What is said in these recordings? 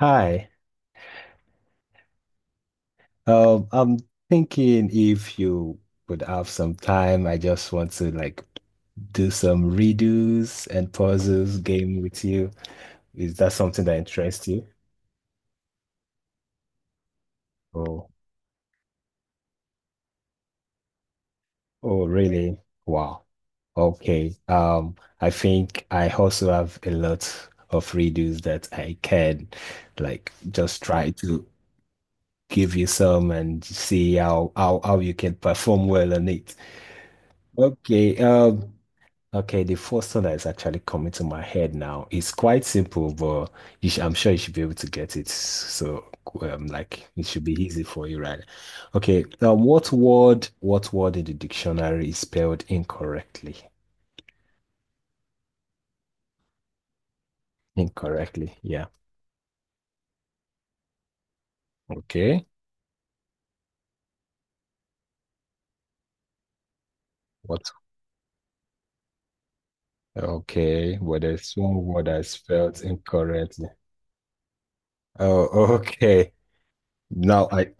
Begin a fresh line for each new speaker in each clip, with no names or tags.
Hi. I'm thinking if you would have some time, I just want to like do some redos and puzzles game with you. Is that something that interests you? Oh, oh, really? Wow. Okay. I think I also have a lot of redos that I can like just try to give you some and see how you can perform well on it. Okay. Okay, the first one that is actually coming to my head now is quite simple, but you sh I'm sure you should be able to get it. So, like it should be easy for you, right? Okay, now what word in the dictionary is spelled incorrectly? Incorrectly, yeah. Okay, what? Okay, well, there's one word that's spelled incorrectly. Oh, okay. Now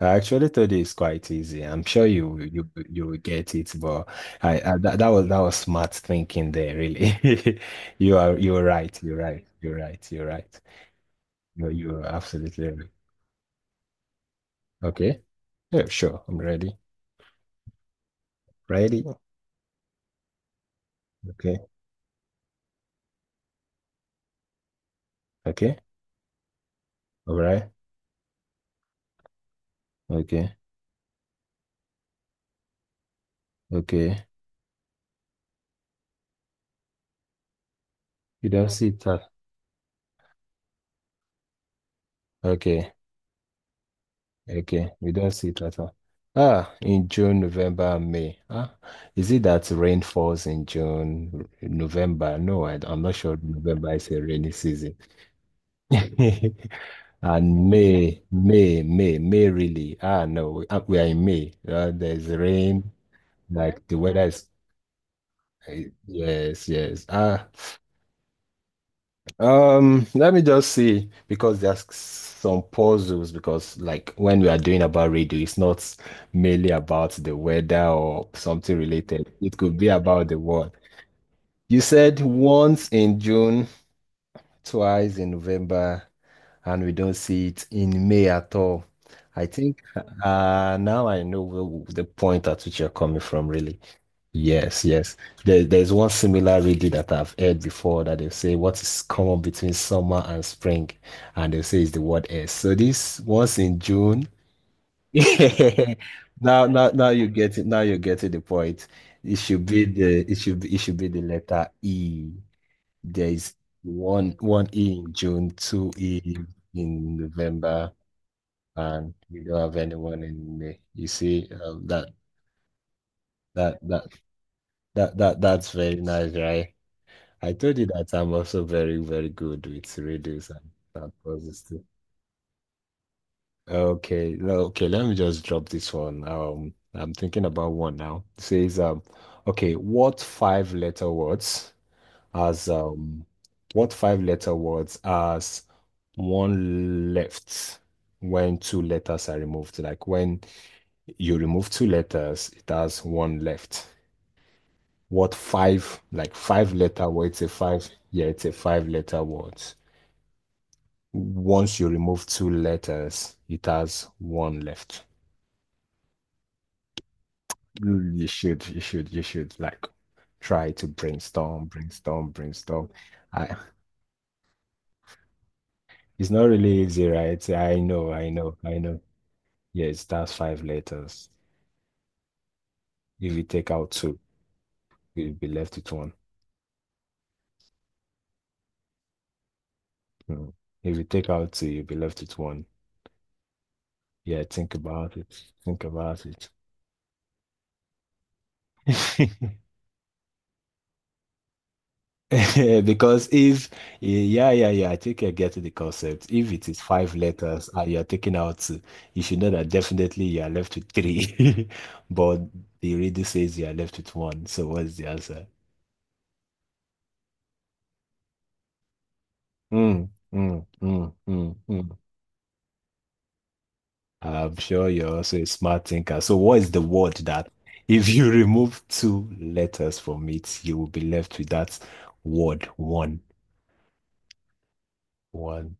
I actually thought it's quite easy. I'm sure you will get it, but I that was that was smart thinking there, really. You're right. You're right. You're absolutely right. Okay. Yeah, sure. I'm ready. Ready. Okay. Okay. All right. Okay. Okay. You don't see that. Okay. Okay, we don't see it right now. Ah, in June, November, and May. Ah, is it that rain falls in June, November? No, I am not sure November is a rainy season. And May really. Ah, no, we, ah, we are in May. There's rain, like the weather is. Yes, yes. Ah. Let me just see because there's some puzzles because like when we are doing about radio, it's not mainly about the weather or something related. It could be about the world. You said once in June, twice in November, and we don't see it in May at all. I think now I know the point at which you're coming from, really. Yes, yes. There's one similar reading that I've heard before that they say what is common between summer and spring, and they say it's the word S. So this once in June. Now you get it. Now you get to the point. It should be the it should be the letter E. There is one E in June, two E in November, and you don't have anyone in May. You see, that that that's very nice, right? I told you that I'm also very, very good with radios and that poses too. Okay, no, okay, let me just drop this one. I'm thinking about one now. It says, okay, has um what five letter words has one left when two letters are removed? Like when you remove two letters, it has one left. What five, like five letter words, yeah, it's a five letter word. Once you remove two letters, it has one left. You you should like try to brainstorm. I, it's not really easy, right? I know. Yes, that's five letters. If you take out two, you'll be left with one. Hmm. If you take out two, you'll be left with one. Yeah, think about it. Because if, yeah, I think I get the concept. If it is five letters and you're taking out two, you should know that definitely you are left with three. But the reader says you are left with one. So what's the answer? Mm. I'm sure you're also a smart thinker. So what is the word that if you remove two letters from it, you will be left with that word one? One.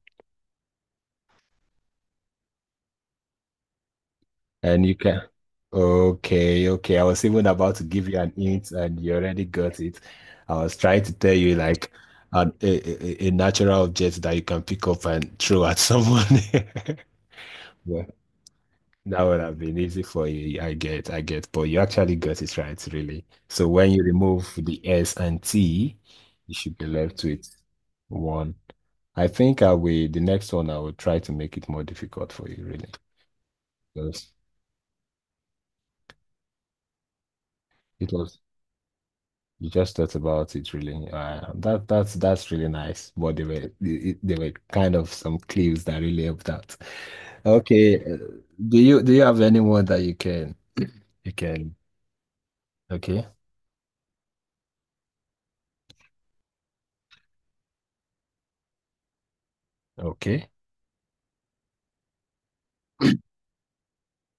And you can. Okay, okay. I was even about to give you an hint, and you already got it. I was trying to tell you like a natural object that you can pick up and throw at someone. Yeah, that would have been easy for you. I get. But you actually got it right, really. So when you remove the S and T, you should be left with one. I think I will. The next one, I will try to make it more difficult for you, really, because it was you just thought about it really. That's really nice. But there were there were kind of some clues that really helped out. Okay, do you have anyone that you can? Okay, okay.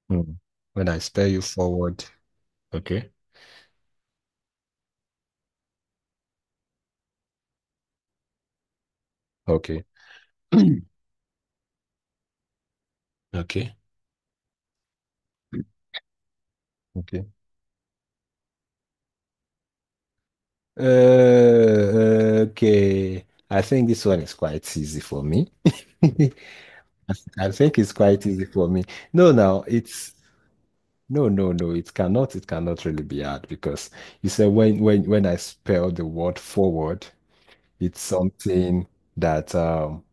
Hmm. When I spell you forward, okay, okay, okay, okay. Okay. I think this one is quite easy for me. I I think it's quite easy for me. No, now it's no, it cannot really be hard because you said when I spell the word forward, it's something that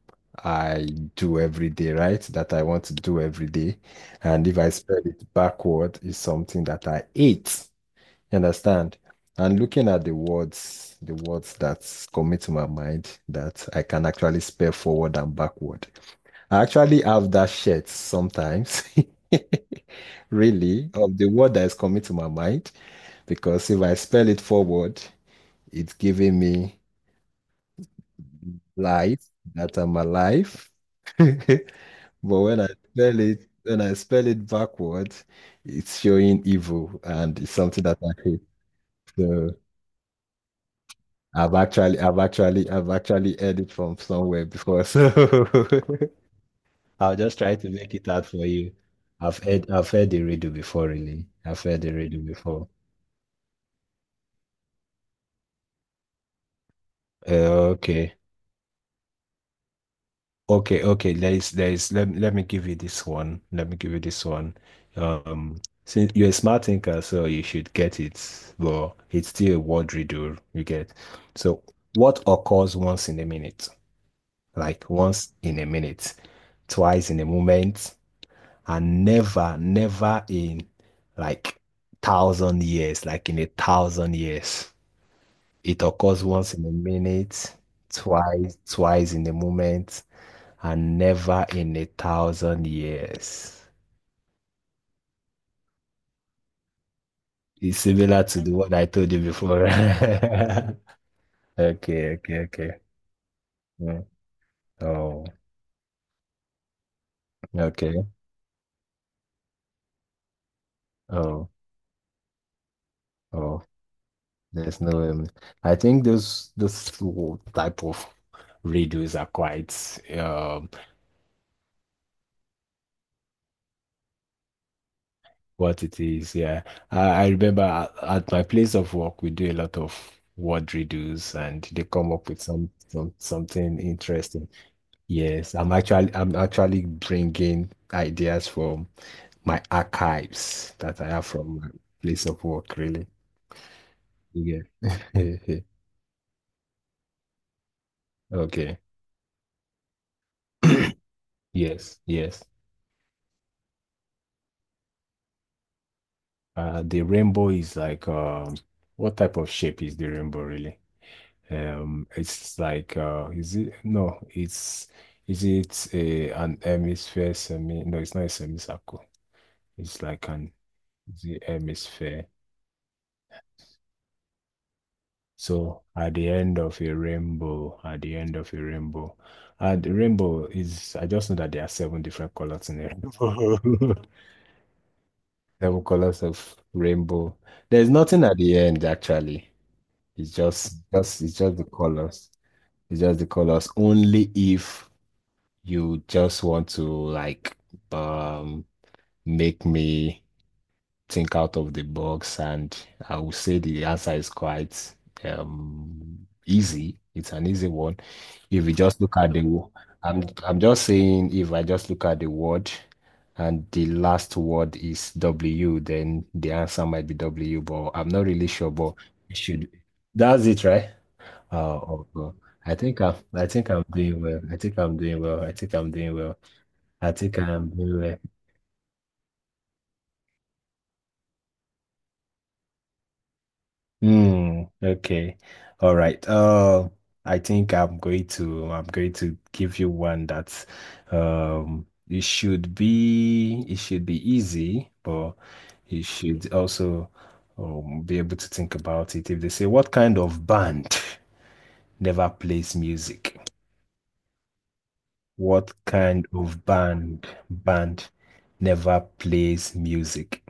I do every day, right? That I want to do every day. And if I spell it backward, it's something that I ate. You understand? And looking at the words that come to my mind that I can actually spell forward and backward. I actually have that shirt sometimes. really, of the word that is coming to my mind, because if I spell it forward, it's giving me life, that I'm alive. But when I spell it backwards, it's showing evil and it's something that I hate. So I've actually heard it from somewhere before. So I'll just try to make it out for you. I've heard the riddle before, really. I've heard the riddle before. Uh, okay. Okay, okay. There is. Let me give you this one. Let me give you this one. Um, since you're a smart thinker, so you should get it, but it's still a word riddle you get. So, what occurs once in a minute? Like once in a minute, twice in a moment, and never in like thousand years, like in a thousand years. It occurs once in a minute, twice in a moment and never in a thousand years. It's similar to the what I told you before. Okay. Mm. Oh, okay. Oh, oh. There's no. I think those two type of radios are quite um what it is. Yeah, I, I remember at my place of work we do a lot of word radios, and they come up with some something interesting. Yes, I'm actually bringing ideas from my archives that I have from my place of work, really. Yeah. Okay. Yes, yes. The rainbow is like what type of shape is the rainbow really? It's like is it no? It's is it a an hemisphere semi? No, it's not a semicircle. It's like an is it hemisphere? So at the end of a rainbow, at the end of a rainbow, and the rainbow is, I just know that there are seven different colors in a rainbow. Seven colors of rainbow. There's nothing at the end actually. It's it's just the colors. It's just the colors. Only if you just want to like um make me think out of the box, and I would say the answer is quite easy. It's an easy one. If you just look at the, I'm just saying if I just look at the word and the last word is W, then the answer might be W, but I'm not really sure, but it should. That's it, right? Oh, God. I think I'm doing well. I think I'm doing well. I think I'm doing well. I think I'm doing well. Hmm. Okay. All right. I'm going to give you one that's. um it should be easy, but you should also be able to think about it. If they say what kind of band never plays music? What kind of band never plays music?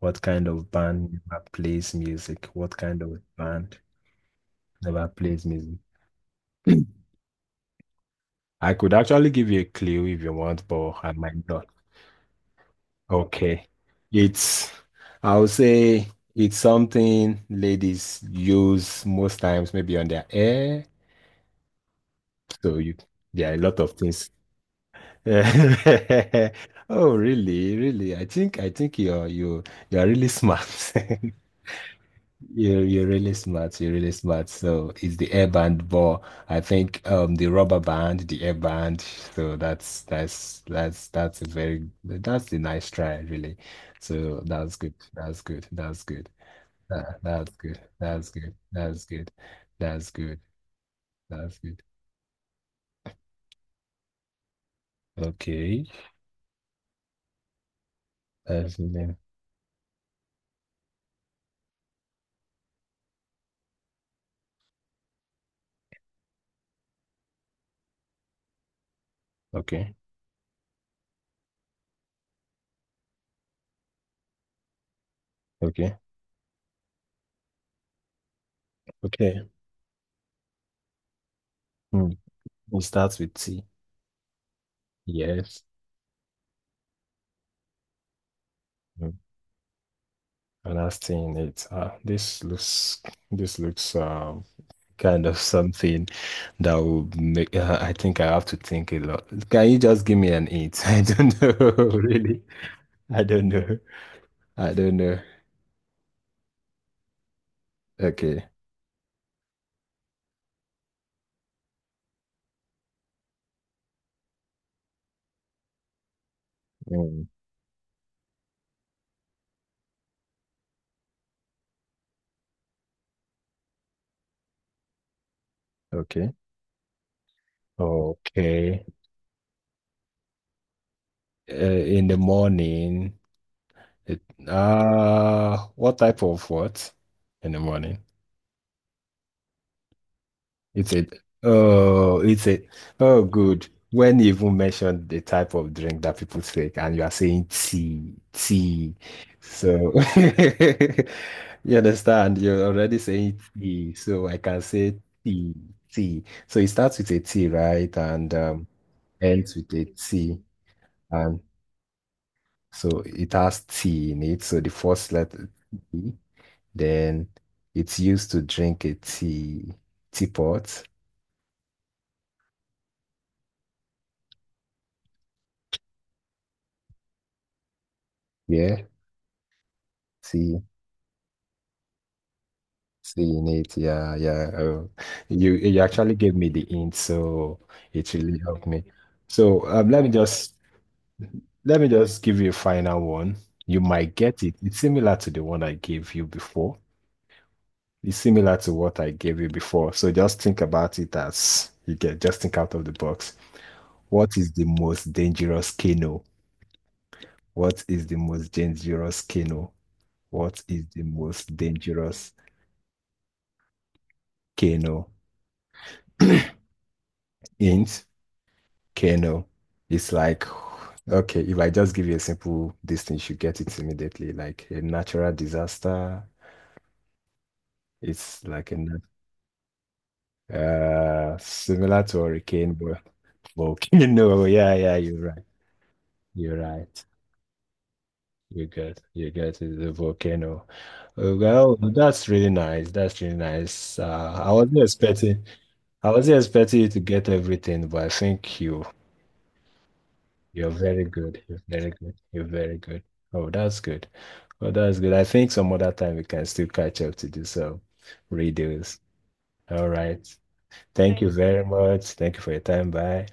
What kind of band never plays music? What kind of band never plays music? I could actually give you a clue if you want, but I might not. Okay. It's, I would say it's something ladies use most times, maybe on their hair. So you, there are a lot of things. Oh, really? Really? I think you're really smart. You're really smart. You're really smart. So it's the air band, but I think the rubber band, the air band. So that's a very that's a nice try, really. So that's good. That's good. That's good. That's good. Okay. That's good. Okay. Okay. Okay. Hmm. It starts with T. Yes. Hmm. And that's T in it. Ah this looks this looks um kind of something that would make I think I have to think a lot. Can you just give me an hint? I don't know, really. I don't know. I don't know. Okay. Mm, okay. Okay. In the morning, it, what type of what in the morning? It's it? Oh, it's it? Oh, good. When you even mentioned the type of drink that people take, and you are saying tea. So you understand, you're already saying tea. So I can say tea, tea. So it starts with a T, right? And ends with a T. And so it has tea in it. So the first letter T, then it's used to drink a tea, teapot. Yeah. Tea seeing it, yeah, yeah. Oh, you actually gave me the hint, so it really helped me. So let me just give you a final one. You might get it. It's similar to the one I gave you before. It's similar to what I gave you before. So just think about it as you get. Just think out of the box. What is the most dangerous canoe? What is the most dangerous canoe? What is the most dangerous canoe? Hint. Okay, no. It's like, okay, if I just give you a simple this thing, you should get it immediately. Like a natural disaster, it's like a similar to hurricane, but volcano. Yeah, you're right. You're right. You're good. You're good. It's a volcano. Well, that's really nice. That's really nice. I wasn't expecting you to get everything, but I think you you're very good. Oh, that's good. Oh, that's good. I think some other time we can still catch up to do some redos. All right. Thank you very much. Thank you for your time. Bye.